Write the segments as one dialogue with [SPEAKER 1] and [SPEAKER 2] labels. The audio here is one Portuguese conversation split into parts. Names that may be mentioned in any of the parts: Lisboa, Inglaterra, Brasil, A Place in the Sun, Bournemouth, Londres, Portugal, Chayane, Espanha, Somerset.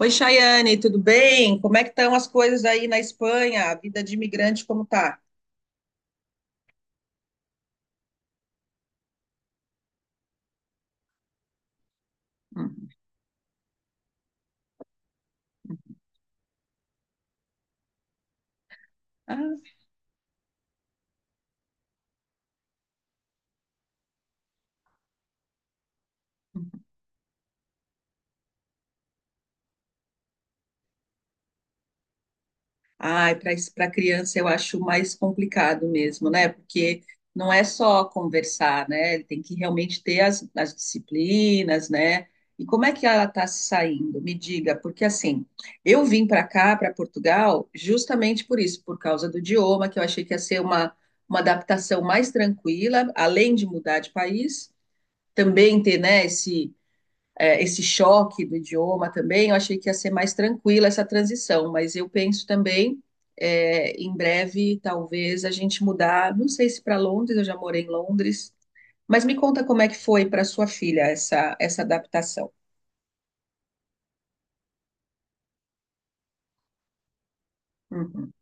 [SPEAKER 1] Oi, Chayane, tudo bem? Como é que estão as coisas aí na Espanha? A vida de imigrante, como tá? Uhum. Ah, ai, para criança eu acho mais complicado mesmo, né? Porque não é só conversar, né? Ele tem que realmente ter as disciplinas, né? E como é que ela está se saindo? Me diga, porque assim, eu vim para cá, para Portugal, justamente por isso, por causa do idioma, que eu achei que ia ser uma adaptação mais tranquila, além de mudar de país, também ter, né, esse choque do idioma também, eu achei que ia ser mais tranquila essa transição, mas eu penso também, em breve, talvez, a gente mudar, não sei se para Londres, eu já morei em Londres, mas me conta como é que foi para sua filha essa, essa adaptação. Uhum,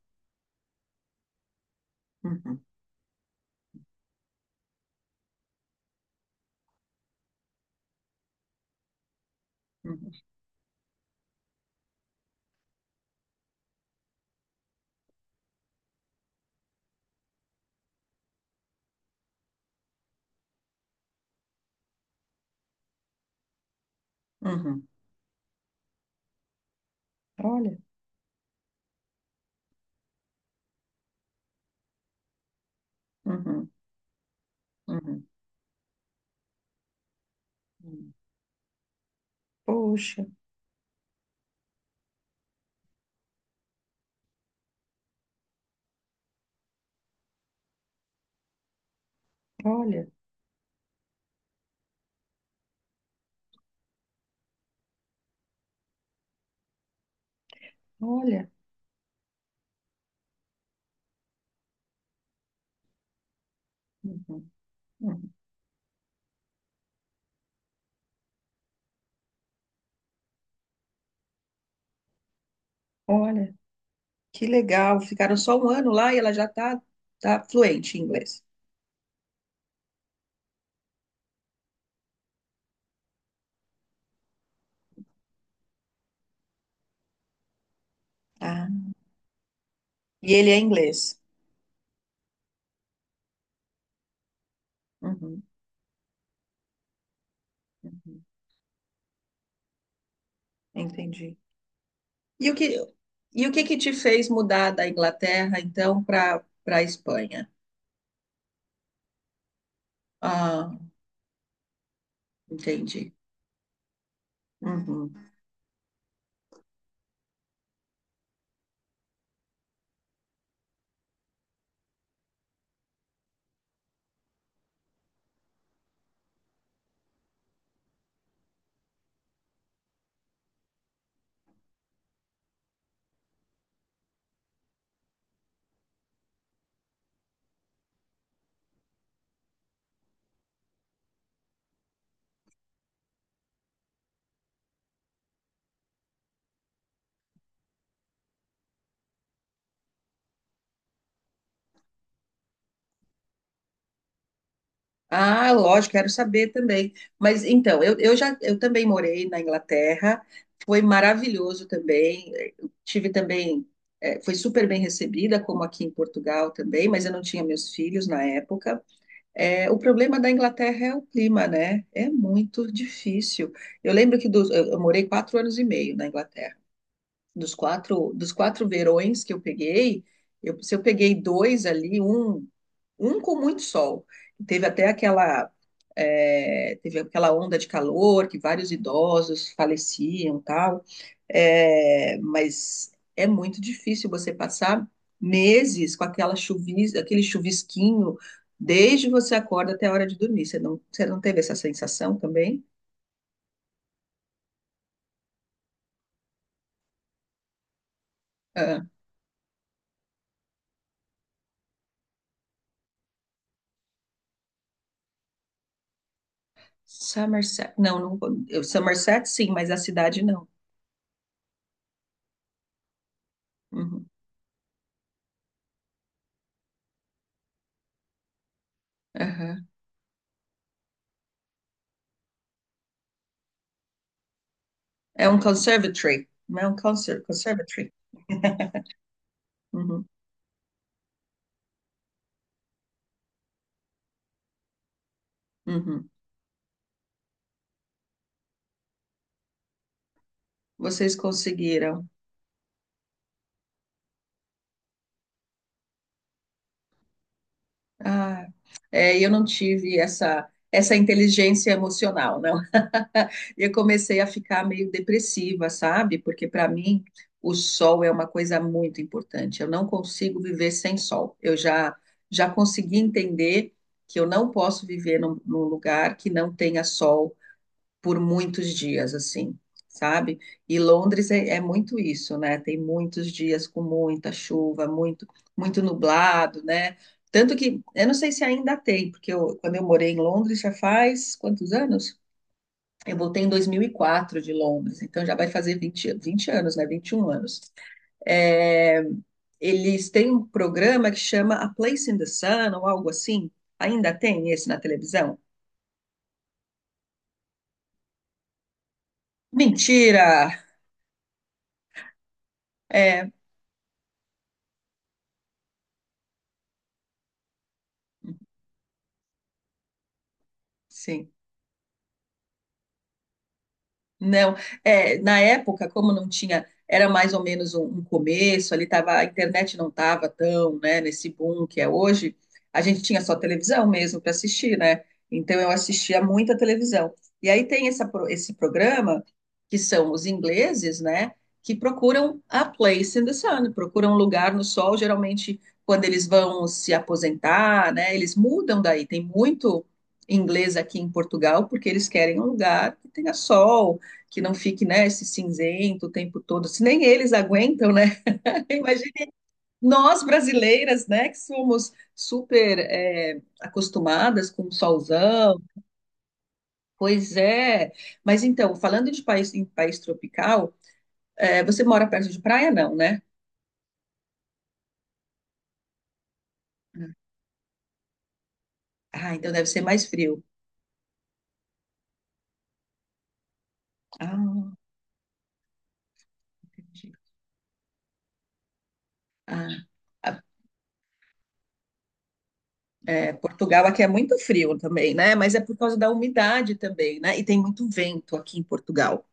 [SPEAKER 1] uhum, uhum, uhum. Olha, uhum, uhum, uhum. Poxa, olha, olha, uhum, uhum. Olha, que legal. Ficaram só um ano lá e ela já está tá fluente em inglês. Ah, e ele é inglês. Uhum, uhum. Entendi. E o que, e o que que te fez mudar da Inglaterra, então, para a Espanha? Ah, entendi. Uhum. Ah, lógico, quero saber também. Mas então, eu também morei na Inglaterra, foi maravilhoso também. Eu tive também, foi super bem recebida, como aqui em Portugal também, mas eu não tinha meus filhos na época. É, o problema da Inglaterra é o clima, né? É muito difícil. Eu lembro que eu morei 4 anos e meio na Inglaterra, dos quatro verões que eu peguei, se eu peguei dois ali, um com muito sol. Teve até aquela, teve aquela onda de calor que vários idosos faleciam, tal. É, mas é muito difícil você passar meses com aquele chuvisquinho desde você acorda até a hora de dormir. Você não teve essa sensação também? Ah, Somerset, não, não, Somerset sim, mas a cidade não. Uhum, aham. É um conservatory, não é um conservatory. Uhum, uhum. Vocês conseguiram. Ah, é, eu não tive essa inteligência emocional, não. Eu comecei a ficar meio depressiva, sabe? Porque para mim o sol é uma coisa muito importante. Eu não consigo viver sem sol. Eu já consegui entender que eu não posso viver num, num lugar que não tenha sol por muitos dias, assim, sabe? E Londres é muito isso, né? Tem muitos dias com muita chuva, muito, muito nublado, né? Tanto que eu não sei se ainda tem, porque quando eu morei em Londres já faz quantos anos? Eu voltei em 2004 de Londres, então já vai fazer vinte anos, né? 21 anos. É, eles têm um programa que chama A Place in the Sun ou algo assim. Ainda tem esse na televisão? Mentira! É, sim. Não, é, na época, como não tinha, era mais ou menos um começo, ali tava, a internet não estava tão, né, nesse boom que é hoje, a gente tinha só televisão mesmo para assistir, né? Então eu assistia muita televisão. E aí tem essa, esse programa, que são os ingleses, né, que procuram a place in the sun, procuram um lugar no sol, geralmente quando eles vão se aposentar, né, eles mudam daí, tem muito inglês aqui em Portugal, porque eles querem um lugar que tenha sol, que não fique, né, esse cinzento o tempo todo, se nem eles aguentam, né? Imagina nós brasileiras, né, que somos super é, acostumadas com o solzão. Pois é. Mas então, falando de país em país tropical, é, você mora perto de praia, não, né? Ah, então deve ser mais frio. Ah, entendi. Ah, a- é, Portugal aqui é muito frio também, né? Mas é por causa da umidade também, né? E tem muito vento aqui em Portugal.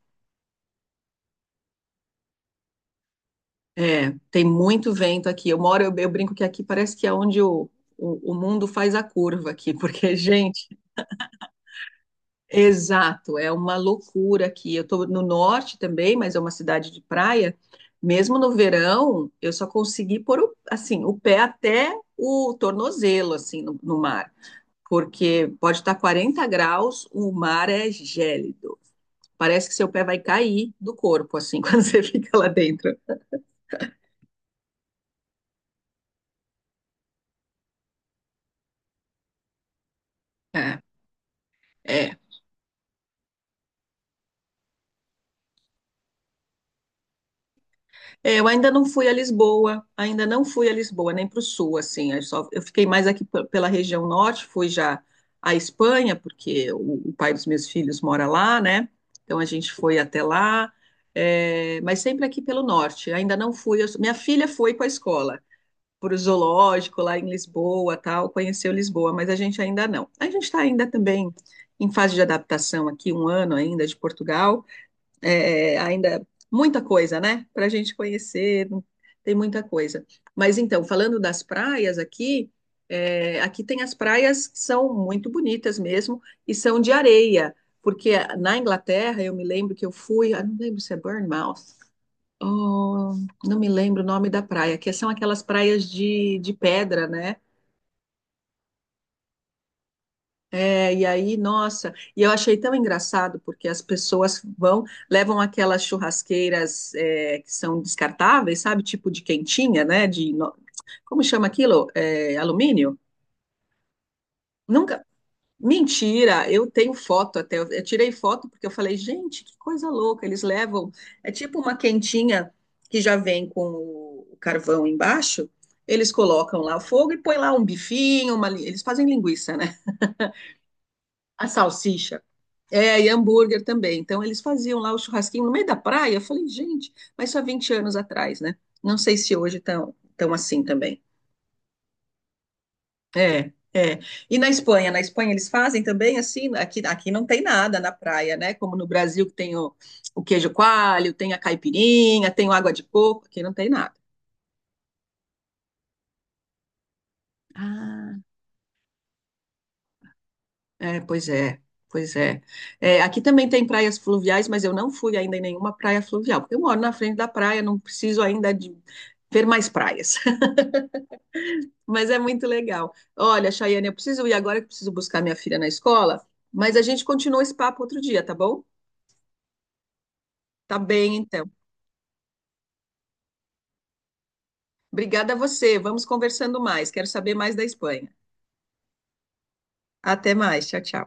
[SPEAKER 1] É, tem muito vento aqui. Eu moro, eu brinco que aqui parece que é onde o mundo faz a curva aqui, porque, gente, exato, é uma loucura aqui. Eu estou no norte também, mas é uma cidade de praia. Mesmo no verão, eu só consegui pôr o, assim, o pé até o tornozelo, assim, no, no mar. Porque pode estar 40 graus, o mar é gélido. Parece que seu pé vai cair do corpo, assim, quando você fica lá dentro. É. É. É, eu ainda não fui a Lisboa, ainda não fui a Lisboa, nem para o sul, assim. Eu, só, eu fiquei mais aqui pela região norte, fui já à Espanha, porque o pai dos meus filhos mora lá, né? Então a gente foi até lá, é, mas sempre aqui pelo norte. Ainda não fui. Eu, minha filha foi com a escola, para o zoológico lá em Lisboa, tal, conheceu Lisboa, mas a gente ainda não. A gente está ainda também em fase de adaptação aqui, um ano ainda de Portugal, ainda muita coisa, né? Para a gente conhecer, tem muita coisa. Mas então, falando das praias aqui, é, aqui tem as praias que são muito bonitas mesmo e são de areia. Porque na Inglaterra, eu me lembro que eu fui, ah, não lembro se é Bournemouth, oh, não me lembro o nome da praia, que são aquelas praias de pedra, né? É, e aí, nossa, e eu achei tão engraçado porque as pessoas vão, levam aquelas churrasqueiras é, que são descartáveis, sabe? Tipo de quentinha, né? De, como chama aquilo? É, alumínio? Nunca. Mentira, eu tenho foto até. Eu tirei foto porque eu falei, gente, que coisa louca. Eles levam. É tipo uma quentinha que já vem com o carvão embaixo. Eles colocam lá o fogo e põe lá um bifinho, eles fazem linguiça, né? A salsicha. É, e hambúrguer também. Então, eles faziam lá o churrasquinho no meio da praia. Eu falei, gente, mas só 20 anos atrás, né? Não sei se hoje estão tão assim também. É, é. E na Espanha? Na Espanha eles fazem também assim? Aqui, aqui não tem nada na praia, né? Como no Brasil que tem o queijo coalho, tem a caipirinha, tem o água de coco. Aqui não tem nada. Ah. É, pois é, pois é. É, aqui também tem praias fluviais, mas eu não fui ainda em nenhuma praia fluvial, porque eu moro na frente da praia, não preciso ainda de ver mais praias. Mas é muito legal. Olha, Chayane, eu preciso ir agora que eu preciso buscar minha filha na escola, mas a gente continua esse papo outro dia, tá bom? Tá bem, então. Obrigada a você. Vamos conversando mais. Quero saber mais da Espanha. Até mais. Tchau, tchau.